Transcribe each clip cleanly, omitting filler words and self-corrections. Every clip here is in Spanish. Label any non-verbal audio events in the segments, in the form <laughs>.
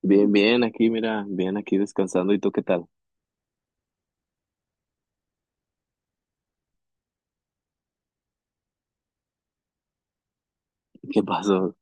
Bien, bien, aquí, mira, bien, aquí descansando. ¿Y tú qué tal? <laughs> ¿Qué pasó?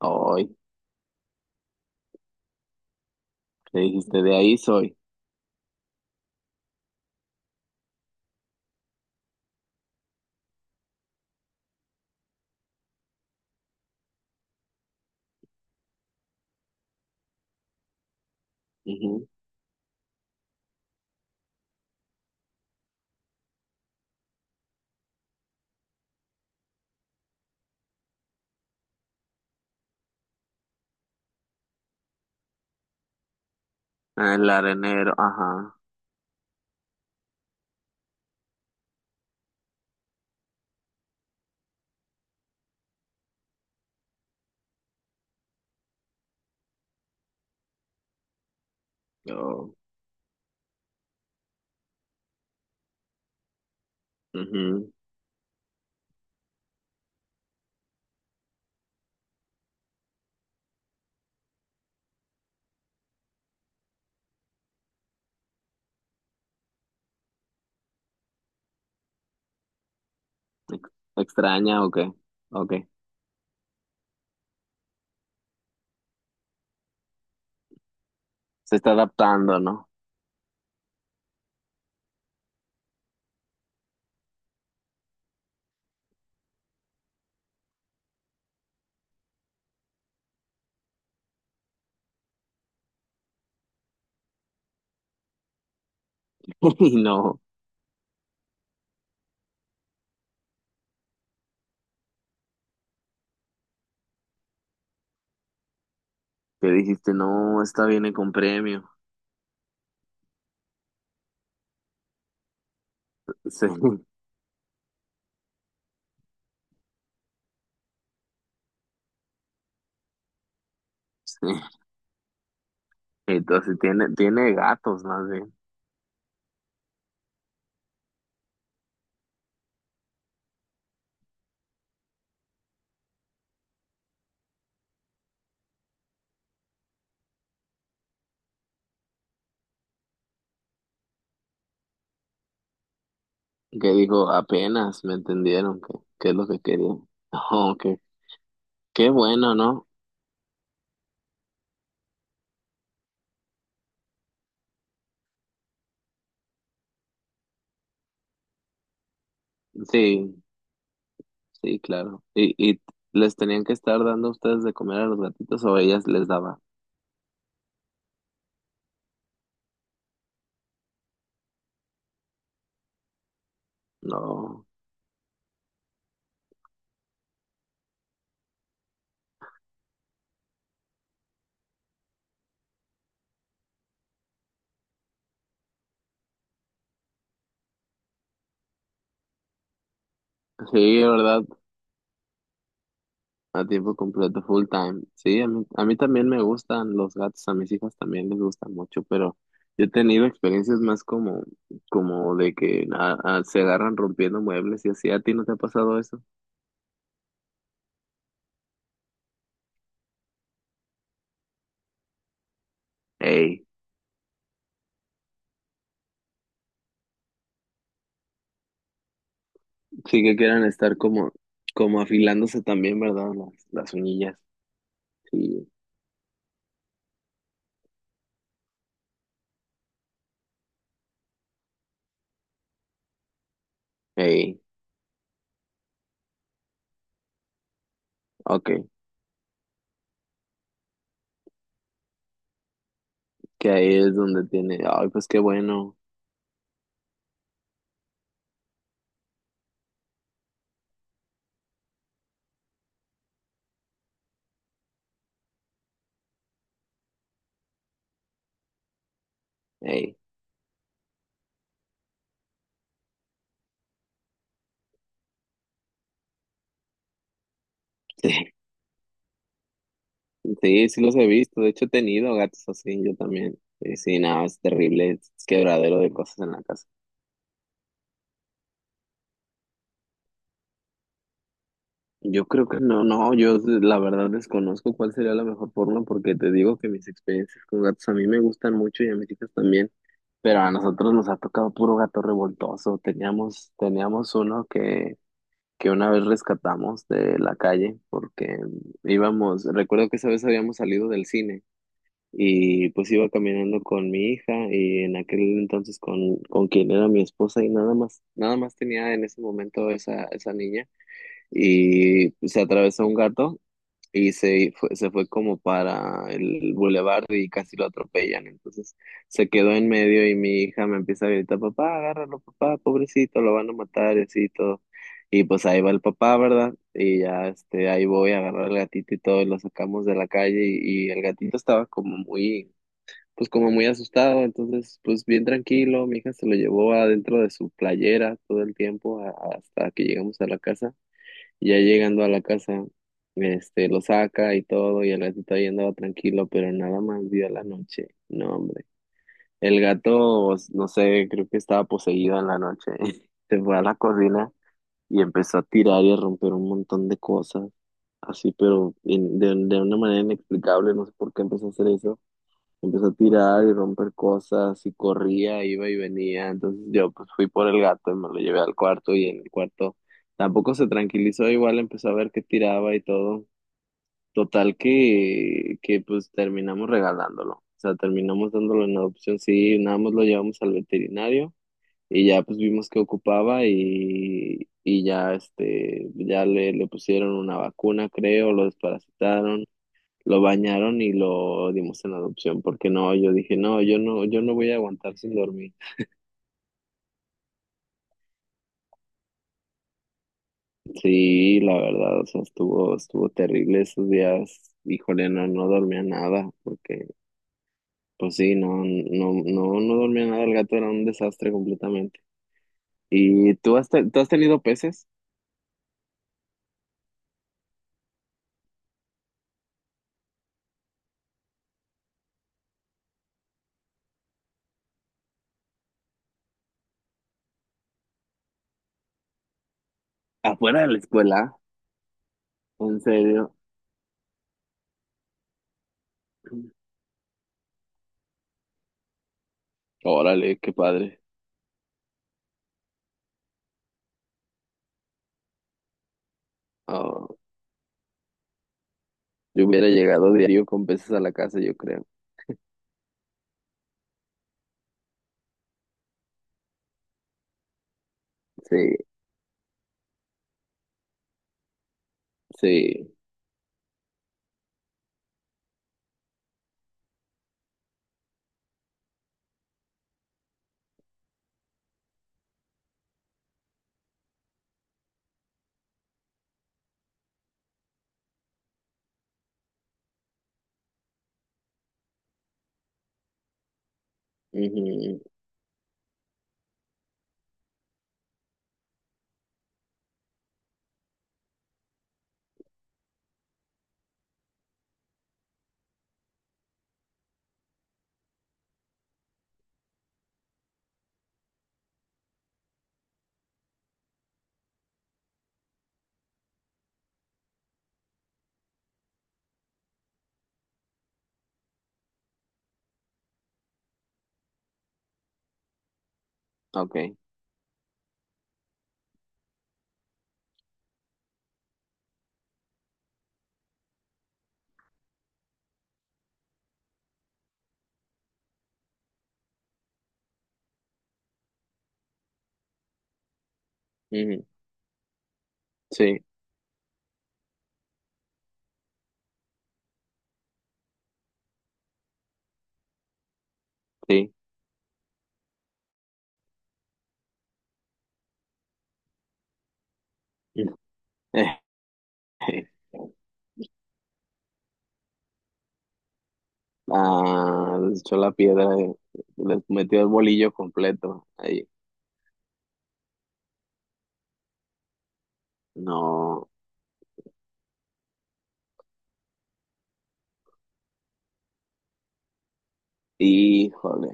Hoy, Le dijiste, de ahí soy. Ujú. Ah, el arenero, ajá. Oh, ujú. Ex- ¿Extraña o qué? Ok. Se está adaptando, ¿no? <laughs> Y no. ¿Qué dijiste? No, esta viene con premio. Sí, <laughs> sí. Entonces tiene gatos más bien. Que dijo, apenas me entendieron que es lo que quería. <laughs> Oh, ok. Qué bueno, ¿no? Sí. Sí, claro. ¿Y les tenían que estar dando a ustedes de comer a los gatitos o ellas les daba? No. Sí, ¿verdad? A tiempo completo, full time. Sí, a mí también me gustan los gatos, a mis hijas también les gustan mucho, pero yo he tenido experiencias más como, como de que se agarran rompiendo muebles y así. ¿A ti no te ha pasado eso? Ey, sí, que quieran estar como, como afilándose también, ¿verdad? Las uñillas. Sí. Ey, ok. Que ahí es donde tiene, ay, pues qué bueno. Ey, sí, <laughs> sí, sí los he visto. De hecho, he tenido gatos así, yo también. Sí, sí, nada, es terrible, es quebradero de cosas en la casa. Yo creo que no, no, yo la verdad desconozco cuál sería la mejor forma, porque te digo que mis experiencias con gatos, a mí me gustan mucho y a mis hijas también, pero a nosotros nos ha tocado puro gato revoltoso. Teníamos uno que una vez rescatamos de la calle porque íbamos, recuerdo que esa vez habíamos salido del cine. Y pues iba caminando con mi hija y en aquel entonces con quien era mi esposa, y nada más, nada más tenía en ese momento esa, esa niña, y se atravesó un gato y se fue como para el bulevar y casi lo atropellan. Entonces se quedó en medio y mi hija me empieza a gritar, papá, agárralo, papá, pobrecito, lo van a matar, y así y todo. Y pues ahí va el papá, ¿verdad? Y ya este, ahí voy a agarrar al gatito y todo, y lo sacamos de la calle, y el gatito estaba como muy, pues como muy asustado. Entonces, pues bien tranquilo, mi hija se lo llevó adentro de su playera todo el tiempo hasta que llegamos a la casa. Y ya llegando a la casa, este, lo saca y todo, y el gatito ahí andaba tranquilo, pero nada más vio la noche, no hombre, el gato, pues, no sé, creo que estaba poseído en la noche, <laughs> se fue a la cocina y empezó a tirar y a romper un montón de cosas, así, pero de una manera inexplicable, no sé por qué empezó a hacer eso. Empezó a tirar y romper cosas, y corría, iba y venía. Entonces yo pues fui por el gato y me lo llevé al cuarto, y en el cuarto tampoco se tranquilizó, igual empezó a ver que tiraba y todo. Total que pues terminamos regalándolo. O sea, terminamos dándolo en adopción. Sí, nada más lo llevamos al veterinario y ya pues vimos que ocupaba, y ya este, ya le pusieron una vacuna, creo, lo desparasitaron, lo bañaron y lo dimos en adopción, porque no, yo dije, no, yo no, yo no voy a aguantar sin dormir. Sí, la verdad, o sea, estuvo terrible esos días. Híjole, no, no dormía nada, porque, pues sí, no, no, no, no dormía nada, el gato era un desastre completamente. ¿Y tú has tenido peces? Afuera de la escuela, ¿en serio? Órale, qué padre. Ah, yo hubiera llegado diario con peces a la casa, yo creo. Sí, sí. Ujú. Ok. Ujú. Sí. Sí. <laughs> Ah, les echó la piedra, les metió el bolillo completo. Ahí. No, híjole,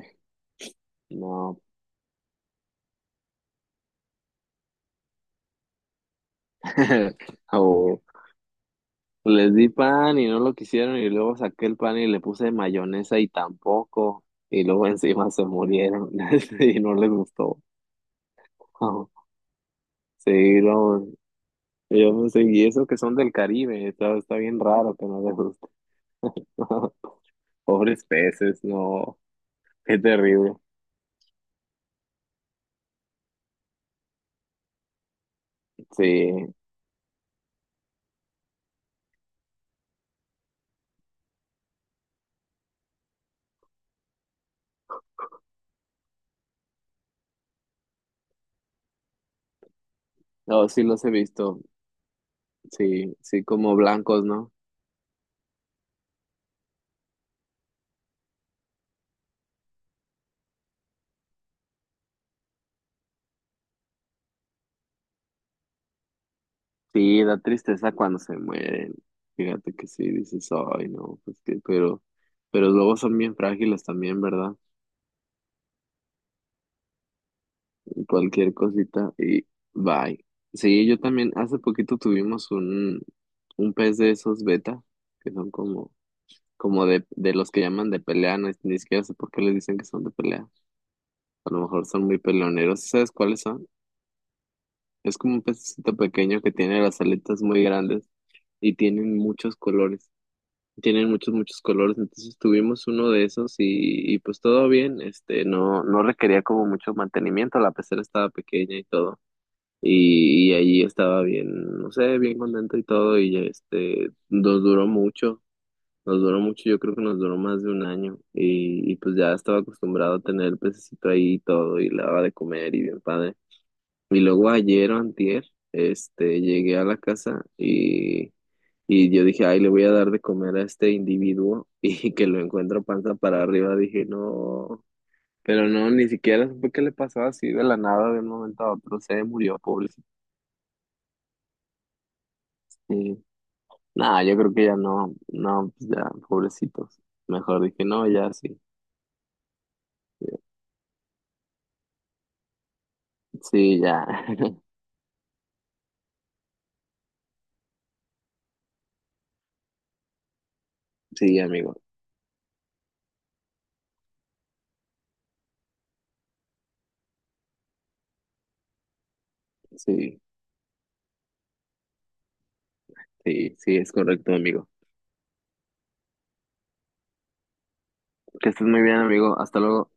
no. <laughs> O les di pan y no lo quisieron, y luego saqué el pan y le puse mayonesa y tampoco. Y luego <laughs> encima se murieron <laughs> y no les gustó. <laughs> Sí, no, yo no sé, y eso que son del Caribe, está, está bien raro que no les guste. <laughs> Pobres peces, no, qué terrible. Sí, no, sí los he visto. Sí, sí, como blancos, ¿no? Sí, da tristeza cuando se mueren. Fíjate que sí, dices, ay, no, pues que, pero luego son bien frágiles también, ¿verdad? Cualquier cosita y bye. Sí, yo también, hace poquito tuvimos un pez de esos beta, que son como, como de los que llaman de pelea, no, ni siquiera sé por qué les dicen que son de pelea. A lo mejor son muy peleoneros. ¿Sabes cuáles son? Es como un pececito pequeño que tiene las aletas muy grandes y tienen muchos colores, tienen muchos, muchos colores. Entonces tuvimos uno de esos, y pues todo bien, este, no, no requería como mucho mantenimiento, la pecera estaba pequeña y todo, y allí estaba bien, no sé, bien contento y todo, y este, nos duró mucho, yo creo que nos duró más de un año, y pues ya estaba acostumbrado a tener el pececito ahí y todo, y le daba de comer y bien padre, y luego ayer o antier, este, llegué a la casa y... Y yo dije, ay, le voy a dar de comer a este individuo, <laughs> y que lo encuentro panza para arriba. Dije, no, pero no, ni siquiera supe qué le pasó, así de la nada, de un momento a otro. Se murió, pobrecito. Y nada, yo creo que ya no, no, pues ya, pobrecitos. Mejor dije, no, ya sí, sí, ya, <laughs> sí, amigo, sí, sí, sí, es correcto, amigo. Que estés muy bien, amigo. Hasta luego.